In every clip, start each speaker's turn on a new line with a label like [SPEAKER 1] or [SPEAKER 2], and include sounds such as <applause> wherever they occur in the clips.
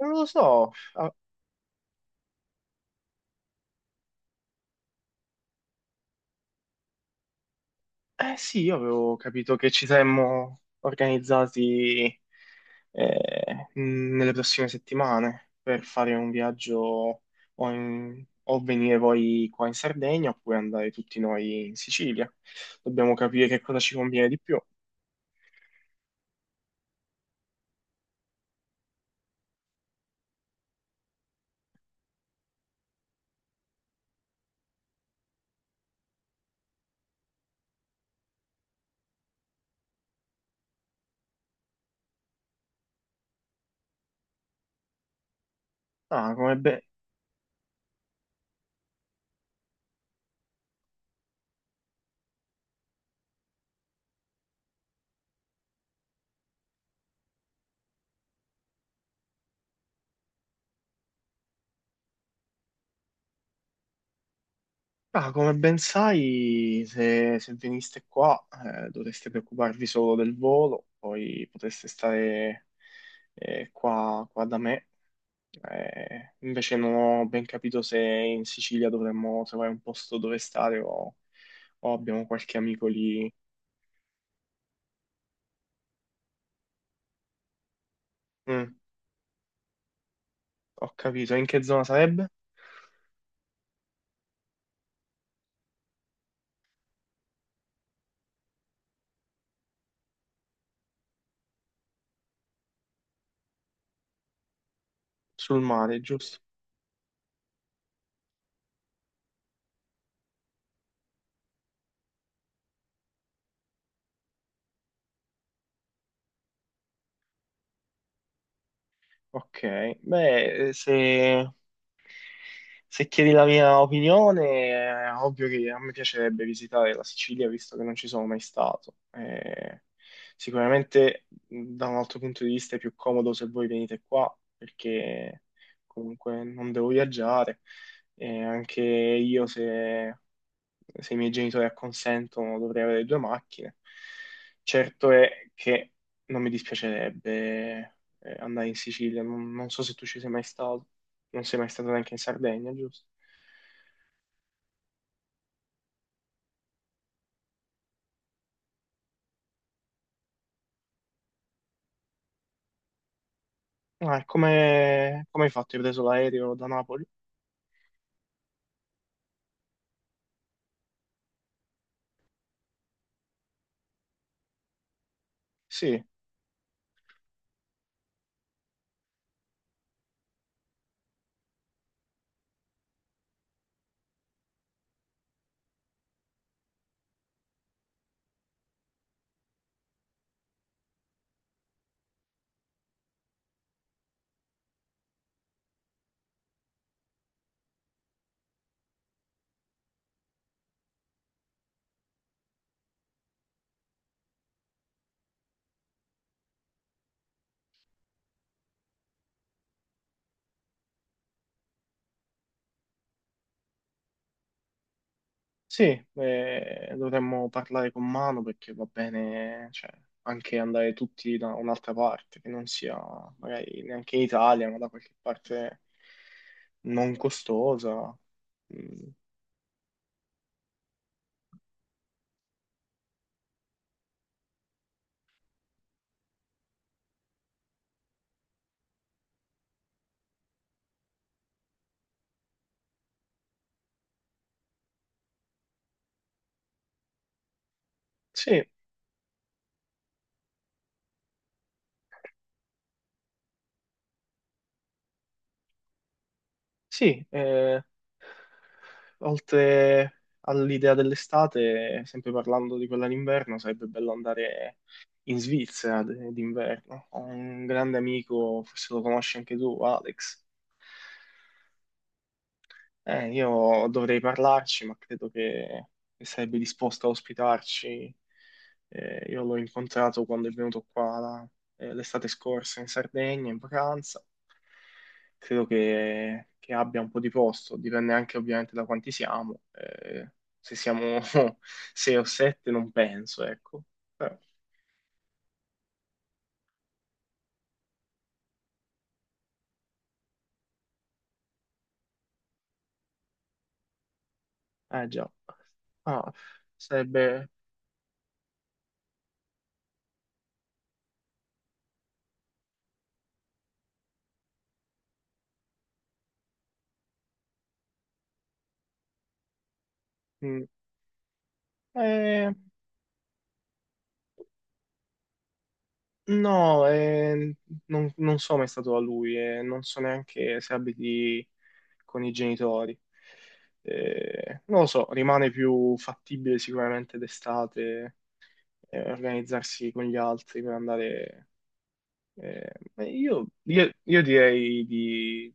[SPEAKER 1] Non lo so. Ah, eh sì, io avevo capito che ci saremmo organizzati, nelle prossime settimane per fare un viaggio o venire voi qua in Sardegna oppure andare tutti noi in Sicilia. Dobbiamo capire che cosa ci conviene di più. Ah, come, be- ah, come ben sai, se veniste qua, dovreste preoccuparvi solo del volo, poi potreste stare qua da me. Invece non ho ben capito se in Sicilia dovremmo trovare un posto dove stare o abbiamo qualche amico lì. Mm. Ho capito. In che zona sarebbe? Sul mare, giusto? Ok, beh, se chiedi la mia opinione, è ovvio che a me piacerebbe visitare la Sicilia, visto che non ci sono mai stato. Sicuramente da un altro punto di vista è più comodo se voi venite qua, perché comunque non devo viaggiare. E anche io se i miei genitori acconsentono, dovrei avere due macchine. Certo è che non mi dispiacerebbe andare in Sicilia, non so se tu ci sei mai stato, non sei mai stato neanche in Sardegna, giusto? Ah, e come hai fatto? Hai preso l'aereo da Napoli? Sì, sì, dovremmo parlare con mano perché va bene, cioè, anche andare tutti da un'altra parte, che non sia magari neanche in Italia, ma da qualche parte non costosa. Mm. Sì, sì, oltre all'idea dell'estate, sempre parlando di quella d'inverno, sarebbe bello andare in Svizzera d'inverno. Ho un grande amico, forse lo conosci anche tu, Alex. Io dovrei parlarci, ma credo che sarebbe disposto a ospitarci. Io l'ho incontrato quando è venuto qua l'estate scorsa in Sardegna, in vacanza. Credo che abbia un po' di posto, dipende anche ovviamente da quanti siamo. Se siamo <laughs> sei o sette non penso, ecco. Però, eh già. Ah, sarebbe... mm, eh, No, non so mai stato da lui e non so neanche se abiti con i genitori. Non lo so, rimane più fattibile sicuramente d'estate organizzarsi con gli altri per andare. Io direi di,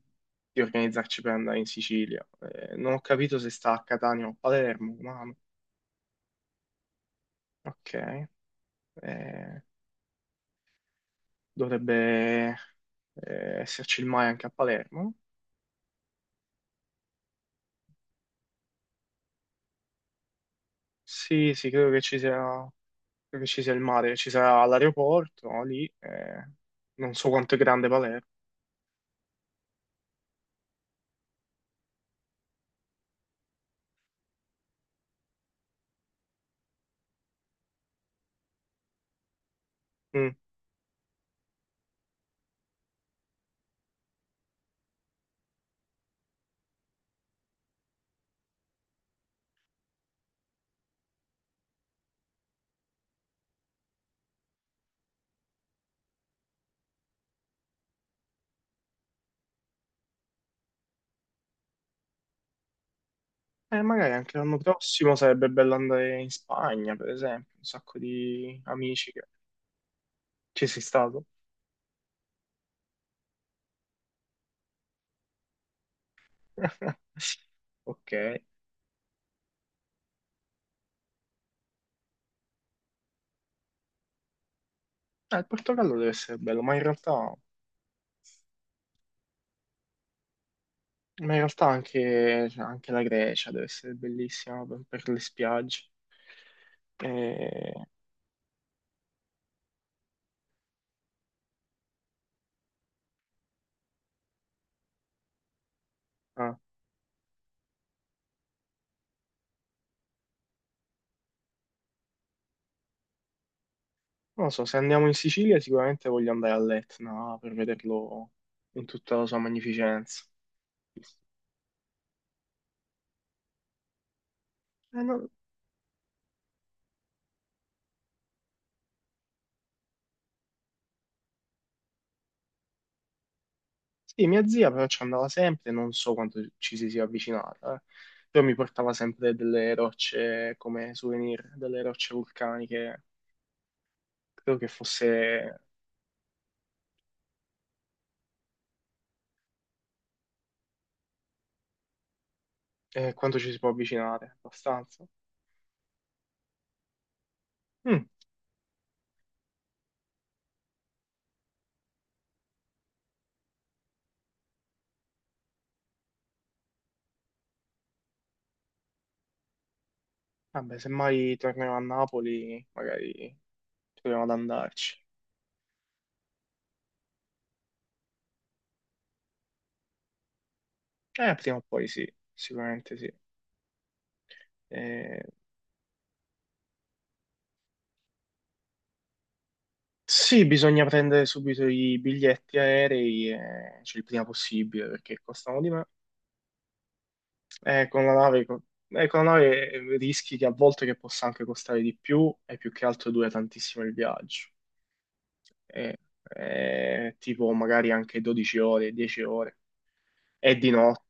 [SPEAKER 1] di organizzarci per andare in Sicilia. Non ho capito se sta a Catania o a Palermo, ma ok. Eh, Dovrebbe esserci il mare anche a Palermo. Sì, sì, credo che ci sia il mare, ci sarà l'aeroporto no, lì, non so quanto è grande Palermo. Mm. Magari anche l'anno prossimo sarebbe bello andare in Spagna, per esempio, un sacco di amici che ci sei stato. <laughs> Ok, il Portogallo deve essere bello, ma in realtà, anche, cioè, anche la Grecia deve essere bellissima per le spiagge. Eh, ah. Non lo so, se andiamo in Sicilia sicuramente voglio andare all'Etna per vederlo in tutta la sua magnificenza. Eh, no- Sì, mia zia però ci andava sempre, non so quanto ci si sia avvicinata, eh. Però mi portava sempre delle rocce come souvenir, delle rocce vulcaniche. Credo che fosse Quanto ci si può avvicinare, abbastanza. Mm. Vabbè, se mai tornerò a Napoli, magari proviamo ad andarci. Prima o poi sì, sicuramente sì. Eh, Sì, bisogna prendere subito i biglietti aerei, cioè il prima possibile, perché costano di me. Eh, con la nave, co- con la nave, rischi che a volte che possa anche costare di più e più che altro dura tantissimo il viaggio. Eh, tipo magari anche 12 ore, 10 ore. E di notte.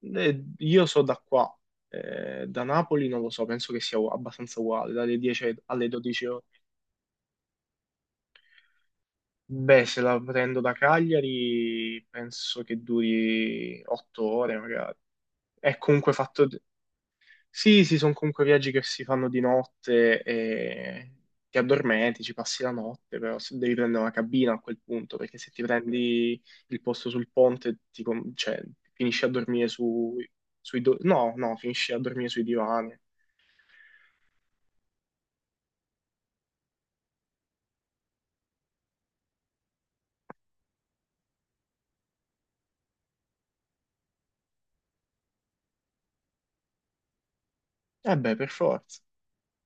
[SPEAKER 1] Io so da qua, da Napoli non lo so, penso che sia abbastanza uguale, dalle 10 alle 12 ore. Beh, se la prendo da Cagliari penso che duri 8 ore magari. È comunque fatto... di- Sì, sì, sono comunque viaggi che si fanno di notte e ti addormenti, ci passi la notte, però se devi prendere una cabina a quel punto, perché se ti prendi il posto sul ponte, cioè, finisci a dormire no, no, finisci a dormire sui divani. Eh beh, per forza.